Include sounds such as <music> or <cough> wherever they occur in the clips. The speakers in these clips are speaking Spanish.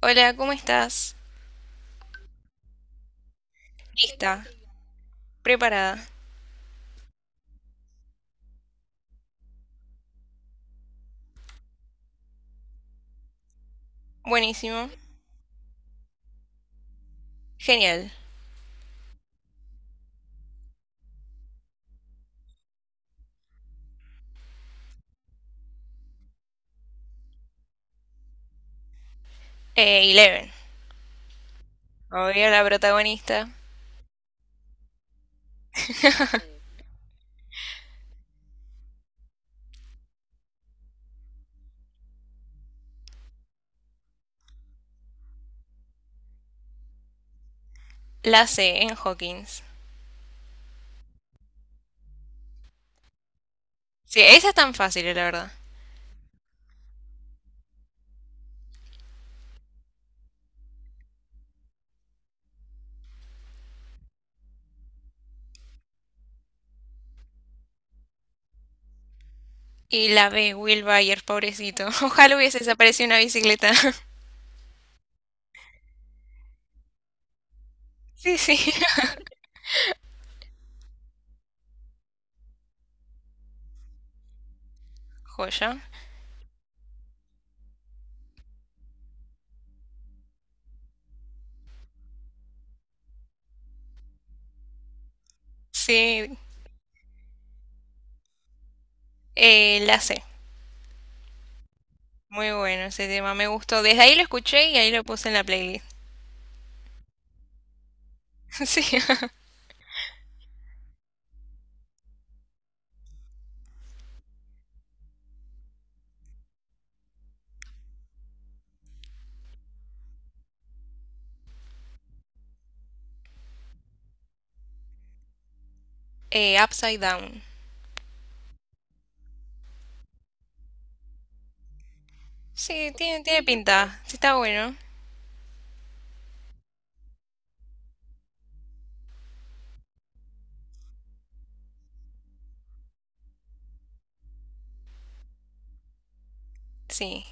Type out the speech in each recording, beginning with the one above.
Hola, ¿cómo estás? Lista, preparada, buenísimo, genial. Eleven, obvio la protagonista. La C en Hawkins. Sí, esa es tan fácil, la verdad. Y la B, Will Byers, pobrecito. <laughs> Ojalá hubiese desaparecido una bicicleta. <laughs> Sí, sí. Joya. Sí, la C. Muy bueno ese tema, me gustó. Desde ahí lo escuché y ahí lo puse en la playlist. <laughs> Sí. Upside Down. Sí, tiene pinta. Sí, está bueno. Sí.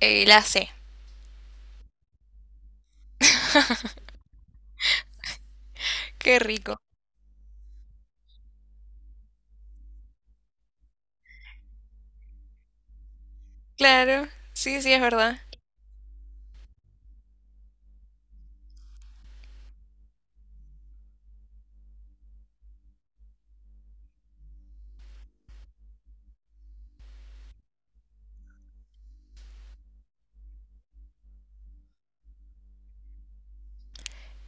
La C. Qué rico. Claro, sí, sí, es verdad.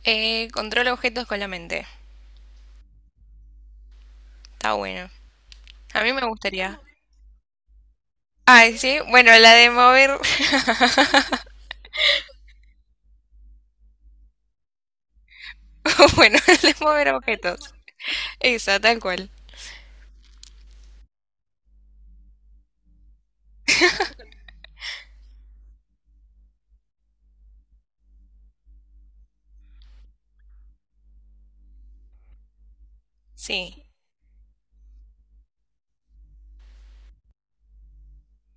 Controla objetos con la mente. Está bueno. A mí me gustaría. Ay, sí, bueno, <laughs> bueno, <laughs> la de mover objetos. Esa, tal cual. Sí.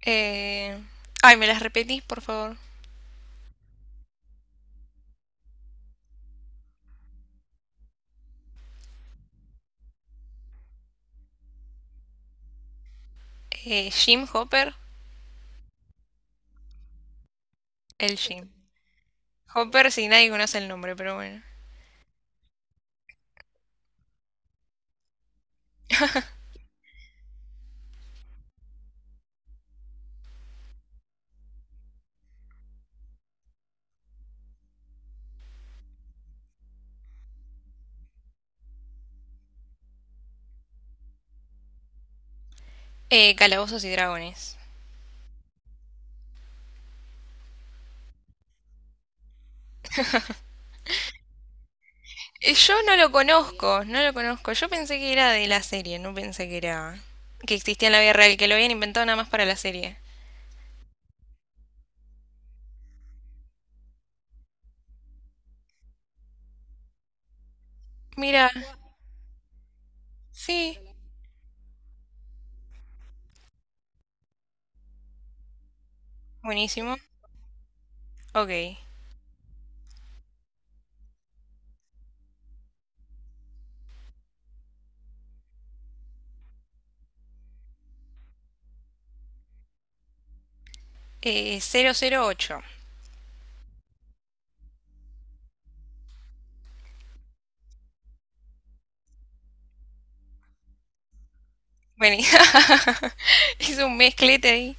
Eh, Ay, ¿me las repetís, por favor? Jim Hopper. El Jim. Hopper, si nadie conoce el nombre, pero bueno. Calabozos y Dragones. Yo no lo conozco, no lo conozco. Yo pensé que era de la serie, no pensé que existía en la vida real, que lo habían inventado nada más para la serie. Mira, sí. Buenísimo. Ok. 008. Vení. <laughs> Hice un mezclete ahí.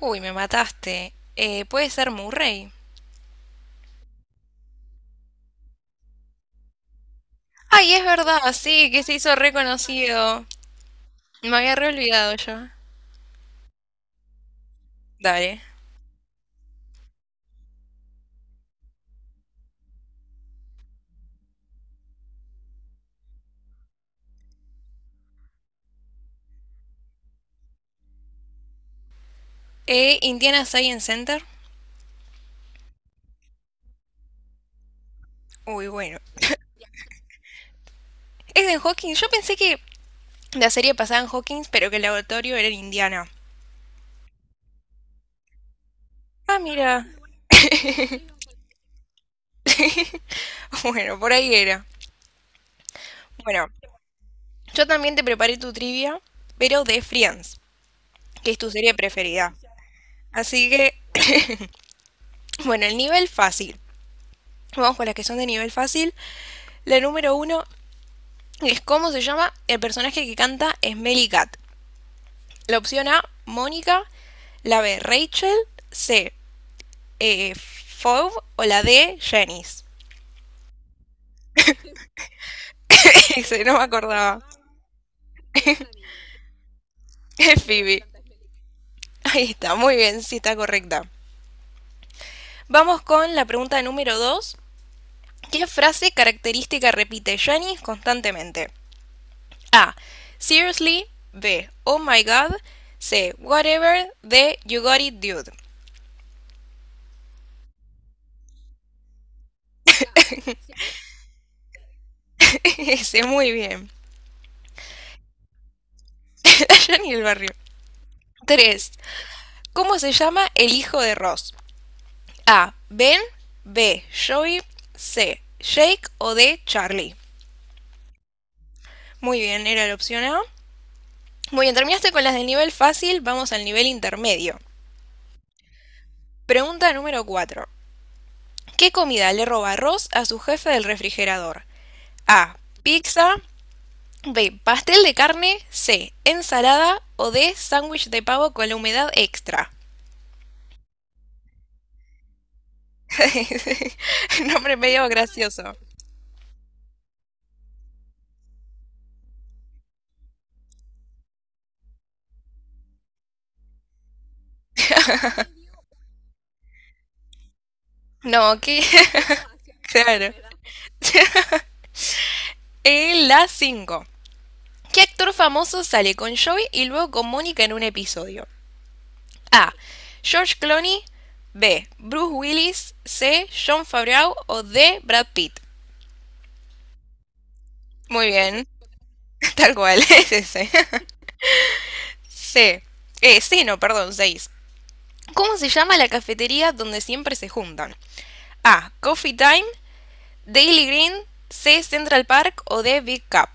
Uy, me mataste. Puede ser Murray. Ay, es verdad, sí, que se hizo reconocido. Me había re olvidado yo. Dale. Indiana Science Center. Uy, bueno. Es en Hawkins. Yo pensé que la serie pasaba en Hawkins, pero que el laboratorio era en Indiana. Ah, mira. <laughs> Bueno, por ahí era. Bueno, yo también te preparé tu trivia, pero de Friends, que es tu serie preferida. Así que bueno, el nivel fácil. Vamos con las que son de nivel fácil. La número uno es cómo se llama el personaje que canta Smelly Cat. La opción A, Mónica. La B, Rachel. C, Fove. O la D, Janice. <laughs> Ese no me acordaba. <laughs> Es Phoebe. Ahí está, muy bien, sí está correcta. Vamos con la pregunta número 2. ¿Qué frase característica repite Janice constantemente? A. Seriously. B. Oh my god. C. Whatever. D. You got it, dude. <laughs> Ese, muy bien. <laughs> Allá ni el barrio. 3. ¿Cómo se llama el hijo de Ross? A. Ben. B. Joey. C. Jake o D. Charlie. Muy bien, era la opción A. Muy bien, terminaste con las del nivel fácil, vamos al nivel intermedio. Pregunta número 4. ¿Qué comida le roba Ross a su jefe del refrigerador? A. Pizza. B. Pastel de carne. C. Ensalada. O D. Sándwich de pavo con la humedad extra. <laughs> Nombre medio gracioso. No, qué. <laughs> Claro. La 5. ¿Qué actor famoso sale con Joey y luego con Mónica en un episodio? A. George Clooney. B. Bruce Willis. C. John Favreau. O D. Brad Pitt. Muy bien. <laughs> Tal cual. <laughs> Es ese. C. Sí, no, perdón, 6. ¿Cómo se llama la cafetería donde siempre se juntan? A. Coffee Time, Daily Green, C. Central Park o D. Big Cup.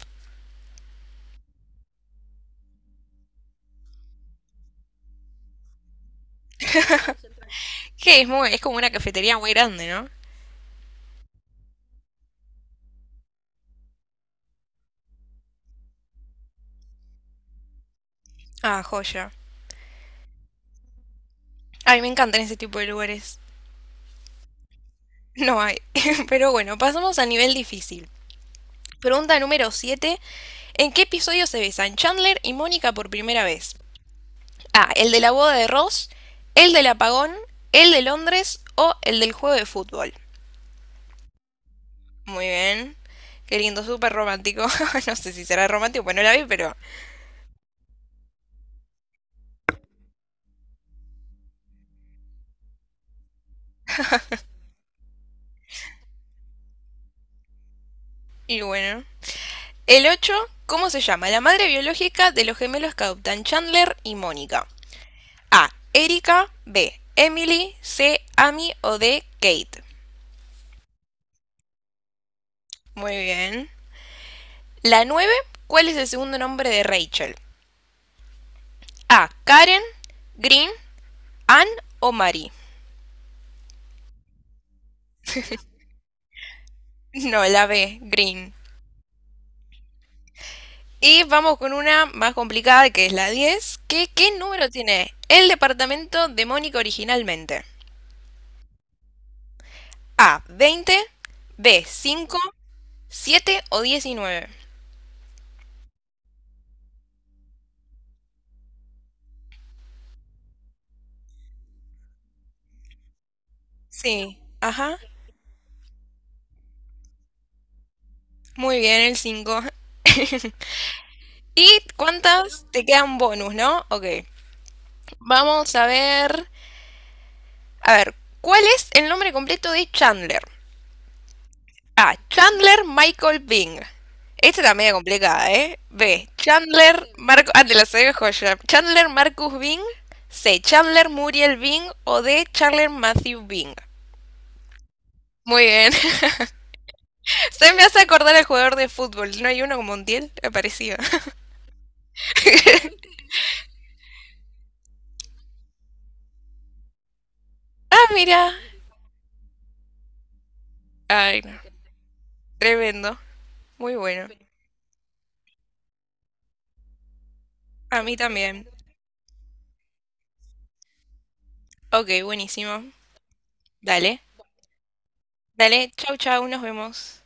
Que es como una cafetería muy grande, ¿no? Ah, joya. Ay, me encantan ese tipo de lugares. No hay. <laughs> Pero bueno, pasamos a nivel difícil. Pregunta número 7. ¿En qué episodio se besan Chandler y Mónica por primera vez? A. El de la boda de Ross, el del apagón, el de Londres o el del juego de fútbol. Muy bien. Qué lindo, súper romántico. <laughs> No sé si será romántico, pues no la vi, pero. Y bueno. El 8, ¿cómo se llama la madre biológica de los gemelos que adoptan Chandler y Mónica? A. Erika. B. Emily. C. Amy o D. Kate. Muy bien. La 9, ¿cuál es el segundo nombre de Rachel? A. Karen. Green. Ann o Mary. <laughs> No, la B. Green. Y vamos con una más complicada que es la 10. ¿Qué número tiene el departamento de Mónica originalmente? A. 20, B. Cinco, 7 o 19. Sí, ajá. Muy bien, el 5. <laughs> ¿Y cuántas te quedan bonus, no? Ok. Vamos a ver. A ver, ¿cuál es el nombre completo de Chandler? A. Chandler Michael Bing. Esta está medio complicada, ¿eh? B. Chandler Marcus. Ah, te la sabía joya. Chandler Marcus Bing. C. Chandler Muriel Bing. O D. Chandler Matthew Bing. Muy bien. <laughs> Se me hace acordar al jugador de fútbol. ¿No hay uno como Montiel? Me parecía. <laughs> Ah, mira. Ay, no. Tremendo. Muy bueno. A mí también. Ok, buenísimo. Dale. Dale. Chau, chau. Nos vemos.